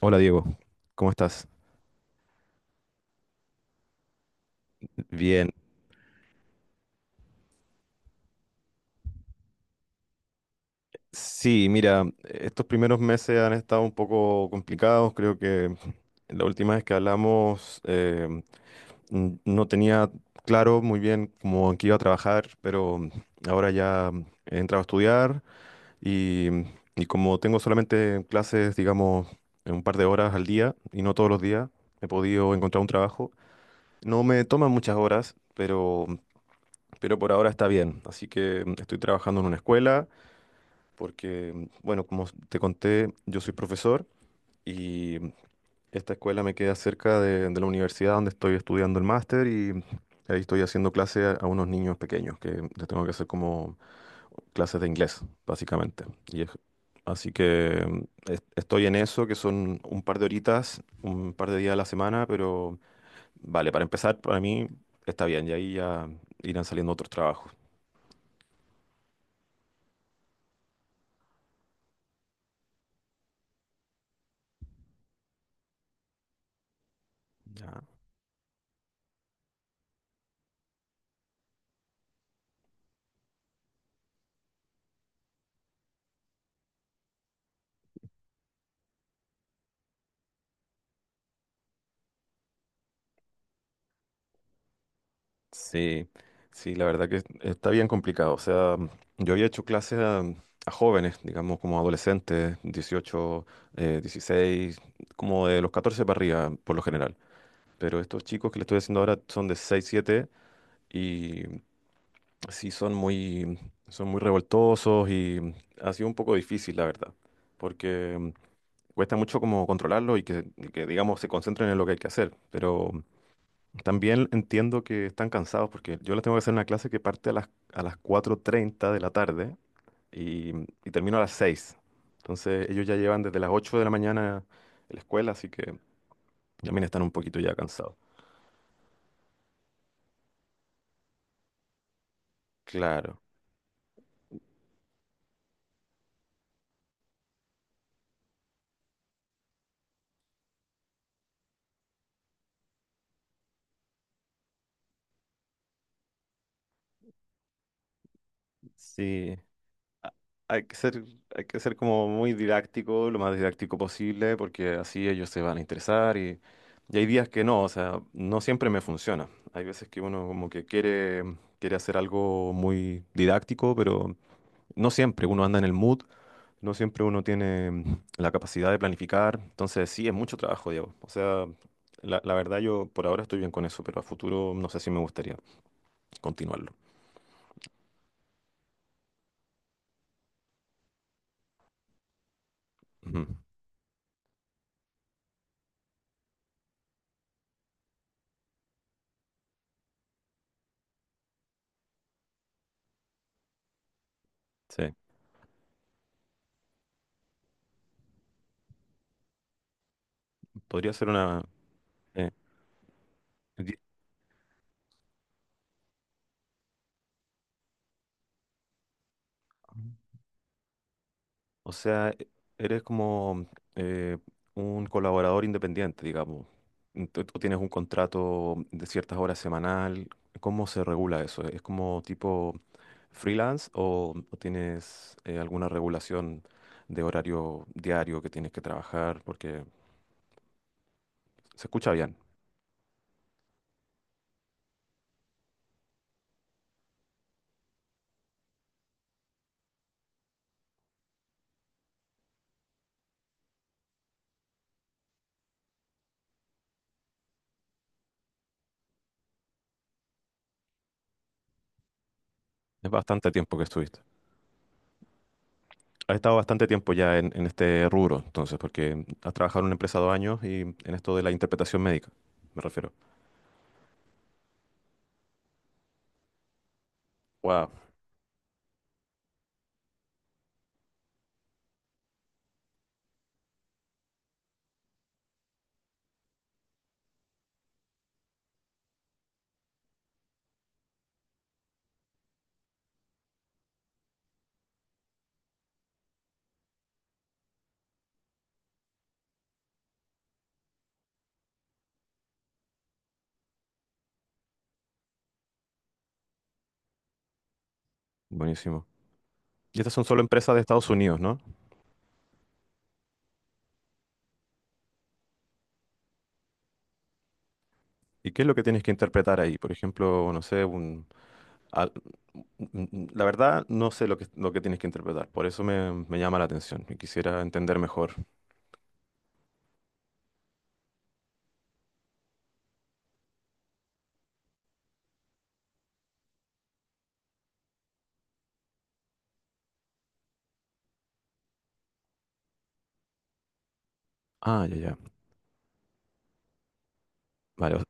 Hola Diego, ¿cómo estás? Bien. Sí, mira, estos primeros meses han estado un poco complicados. Creo que la última vez que hablamos no tenía claro muy bien cómo en qué iba a trabajar, pero ahora ya he entrado a estudiar y, y como tengo solamente clases, digamos, en un par de horas al día y no todos los días, he podido encontrar un trabajo. No me toman muchas horas, pero por ahora está bien. Así que estoy trabajando en una escuela porque, bueno, como te conté, yo soy profesor y esta escuela me queda cerca de la universidad donde estoy estudiando el máster y ahí estoy haciendo clase a unos niños pequeños que les tengo que hacer como clases de inglés, básicamente. Y es- Así que estoy en eso, que son un par de horitas, un par de días a la semana, pero vale, para empezar, para mí está bien y ahí ya irán saliendo otros trabajos. Ya. Sí, sí, la verdad que está bien complicado. O sea, yo había hecho clases a jóvenes, digamos, como adolescentes, 18, 16, como de los 14 para arriba, por lo general. Pero estos chicos que le estoy haciendo ahora son de 6, 7 y sí son muy, son muy revoltosos y ha sido un poco difícil, la verdad, porque cuesta mucho como controlarlo y que, digamos, se concentren en lo que hay que hacer. Pero también entiendo que están cansados porque yo les tengo que hacer una clase que parte a las 4:30 de la tarde y, y termino a las 6. Entonces ellos ya llevan desde las 8 de la mañana en la escuela, así que también están un poquito ya cansados. Claro, sí. a- Hay que ser, Hay que ser como muy didáctico, lo más didáctico posible, porque así ellos se van a interesar y hay días que no, o sea, no siempre me funciona. Hay veces que uno como que quiere hacer algo muy didáctico, pero no siempre uno anda en el mood, no siempre uno tiene la capacidad de planificar. Entonces, sí, es mucho trabajo, Diego. O sea, la verdad yo por ahora estoy bien con eso, pero a futuro no sé si me gustaría continuarlo. Ujú. Sí, podría ser una... eh, di- O sea, eres como eh, un colaborador independiente, digamos. Tú tienes un contrato de ciertas horas semanal. ¿Cómo se regula eso? ¿Es como tipo freelance o tienes alguna regulación de horario diario que tienes que trabajar? Porque se escucha bien. Es bastante tiempo que estuviste. Has estado bastante tiempo ya en este rubro, entonces, porque has trabajado en una empresa 2 años y en esto de la interpretación médica, me refiero. Wow. Buenísimo. ¿Y estas son solo empresas de Estados Unidos, no? ¿Y qué es lo que tienes que interpretar ahí? Por ejemplo, no sé, un, al- un- la verdad no sé lo que tienes que interpretar, por eso me llama la atención y quisiera entender mejor. Ah, ya, ya. Vale, o,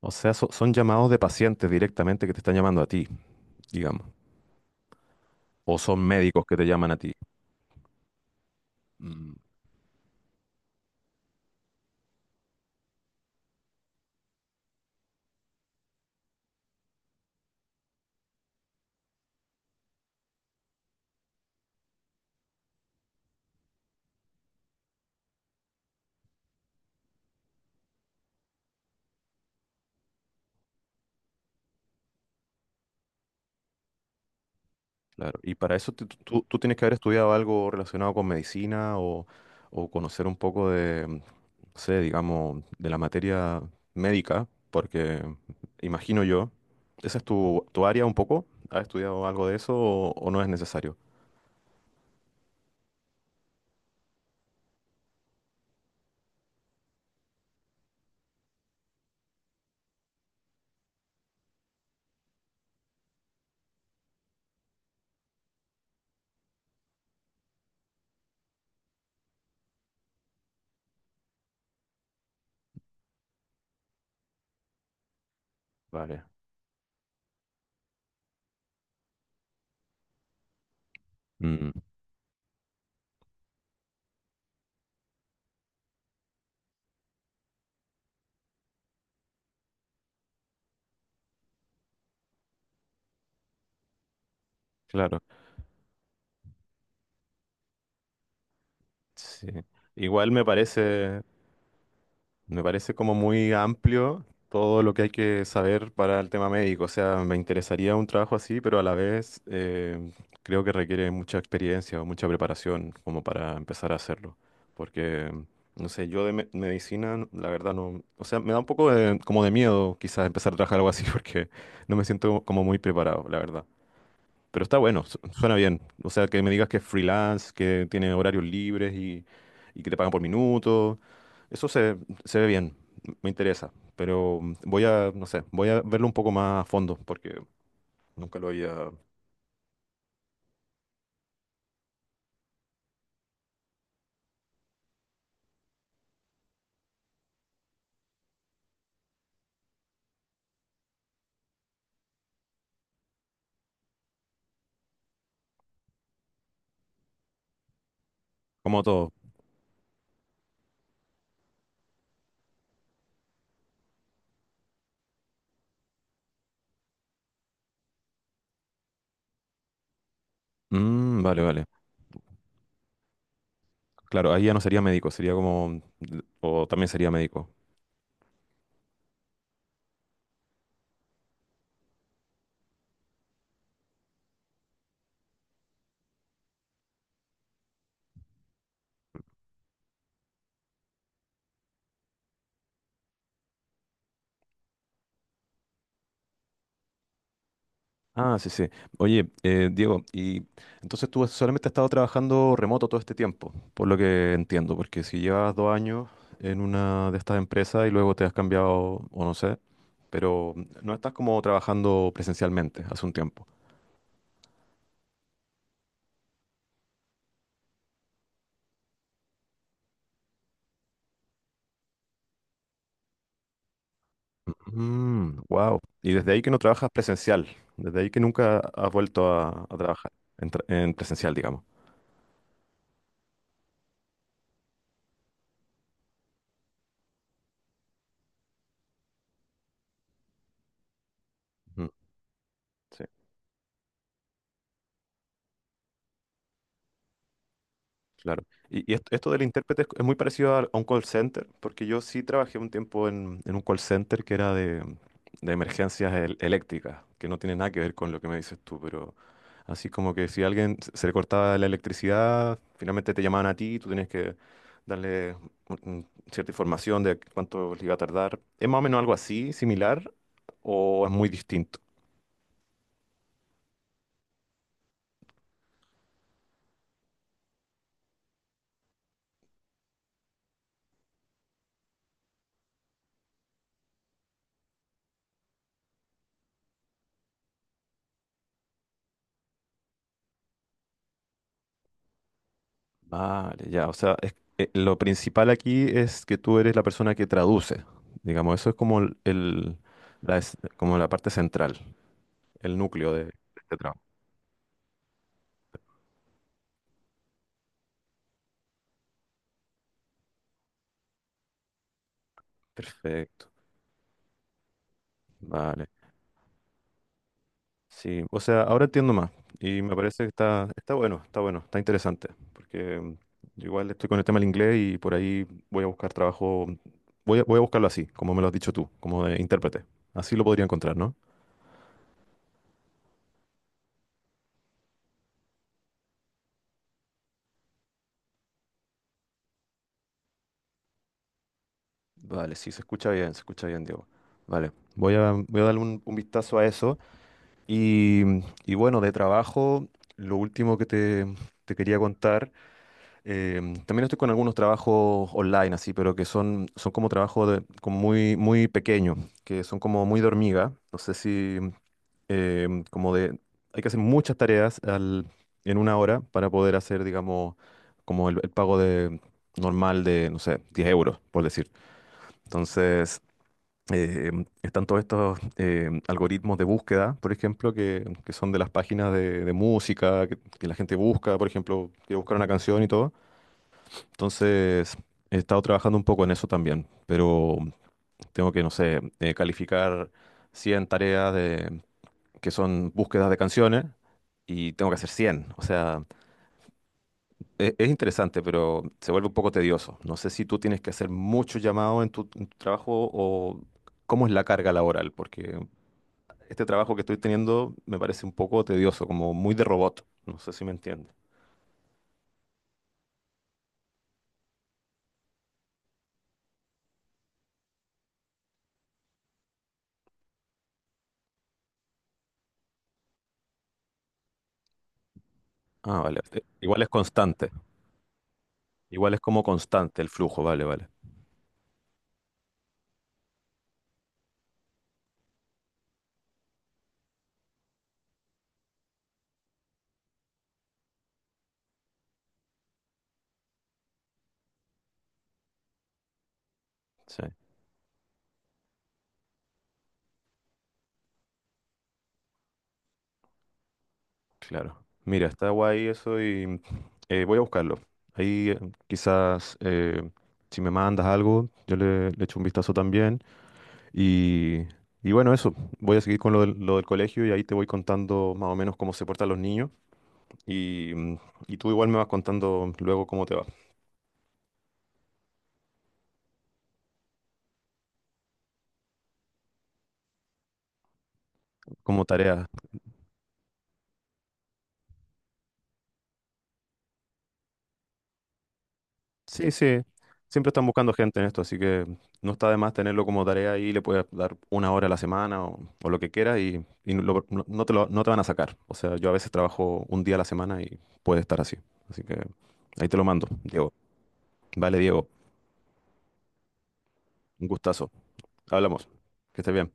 o sea, so- son llamados de pacientes directamente que te están llamando a ti, digamos. ¿O son médicos que te llaman a ti? Mm. Claro, y para eso tú tienes que haber estudiado algo relacionado con medicina o conocer un poco de, no sé, digamos, de la materia médica, porque imagino yo, ¿esa es tu área un poco? ¿Has estudiado algo de eso o no es necesario? Vale. Mm, claro, sí. Igual me parece, Me parece como muy amplio todo lo que hay que saber para el tema médico. O sea, me interesaría un trabajo así, pero a la vez creo que requiere mucha experiencia o mucha preparación como para empezar a hacerlo. Porque, no sé, yo de medicina, la verdad no... O sea, me da un poco de, como de miedo quizás empezar a trabajar algo así porque no me siento como muy preparado, la verdad. Pero está bueno, suena bien. O sea, que me digas que es freelance, que tiene horarios libres y que te pagan por minuto. Eso se ve bien, me interesa, pero voy a, no sé, voy a verlo un poco más a fondo porque nunca lo había... Como todo. Mm, vale, vale. Claro, ahí ya no sería médico, sería como... O también sería médico. Ah, sí, sí. Oye, Diego, ¿y entonces tú solamente has estado trabajando remoto todo este tiempo, por lo que entiendo, porque si llevas 2 años en una de estas empresas y luego te has cambiado, o no sé, pero no estás como trabajando presencialmente hace un tiempo? Wow. Y desde ahí que no trabajas presencial, desde ahí que nunca has vuelto a trabajar en presencial, digamos. Ujú. Sí, claro. Y, esto del intérprete es muy parecido a un call center, porque yo sí trabajé un tiempo en un call center que era de emergencias eléctricas, que no tiene nada que ver con lo que me dices tú, pero así como que si a alguien se le cortaba la electricidad, finalmente te llamaban a ti y tú tenías que darle mm, cierta información de cuánto le iba a tardar. ¿Es más o menos algo así, similar, o es muy distinto? Vale, ya, o sea, lo principal aquí es que tú eres la persona que traduce. Digamos, eso es como el- la, es- como la parte central, el núcleo de este trabajo. Perfecto, vale. Sí, o sea, ahora entiendo más y me parece que está bueno, está bueno, está interesante, porque yo igual estoy con el tema del inglés y por ahí voy a buscar trabajo, voy a buscarlo así, como me lo has dicho tú, como de intérprete. Así lo podría encontrar, ¿no? Vale, sí, se escucha bien, Diego. Vale, voy a darle un vistazo a eso. Y, y bueno, de trabajo, lo último que te quería contar, eh, también estoy con algunos trabajos online, así, pero que son como trabajos de, como muy, muy pequeños, que son como muy de hormiga. No sé si, como de, hay que hacer muchas tareas en una hora para poder hacer, digamos, como el pago de, normal de, no sé, 10 euros, por decir. Entonces eh, están todos estos algoritmos de búsqueda, por ejemplo, que son de las páginas de música, que la gente busca, por ejemplo, quiere buscar una canción y todo. Entonces, he estado trabajando un poco en eso también, pero tengo que, no sé, calificar 100 tareas de, que son búsquedas de canciones y tengo que hacer 100. O sea, es interesante, pero se vuelve un poco tedioso. No sé si tú tienes que hacer mucho llamado en tu trabajo o cómo es la carga laboral, porque este trabajo que estoy teniendo me parece un poco tedioso, como muy de robot. No sé si me entiende. Ah, vale. Igual es constante. Igual es como constante el flujo, vale, vale. Sí, claro. Mira, está guay eso y voy a buscarlo. Ahí quizás si me mandas algo, yo le echo un vistazo también. Y, y bueno, eso. Voy a seguir con lo del colegio y ahí te voy contando más o menos cómo se portan los niños. Y, mm, y tú igual me vas contando luego cómo te va, como tarea. Sí, sí. Siempre están buscando gente en esto, así que no está de más tenerlo como tarea y le puedes dar una hora a la semana o lo que quieras, y no, no, no te no te van a sacar. O sea, yo a veces trabajo un día a la semana y puede estar así. Así que ahí te lo mando, Diego. Vale, Diego. Un gustazo. Hablamos. Que estés bien.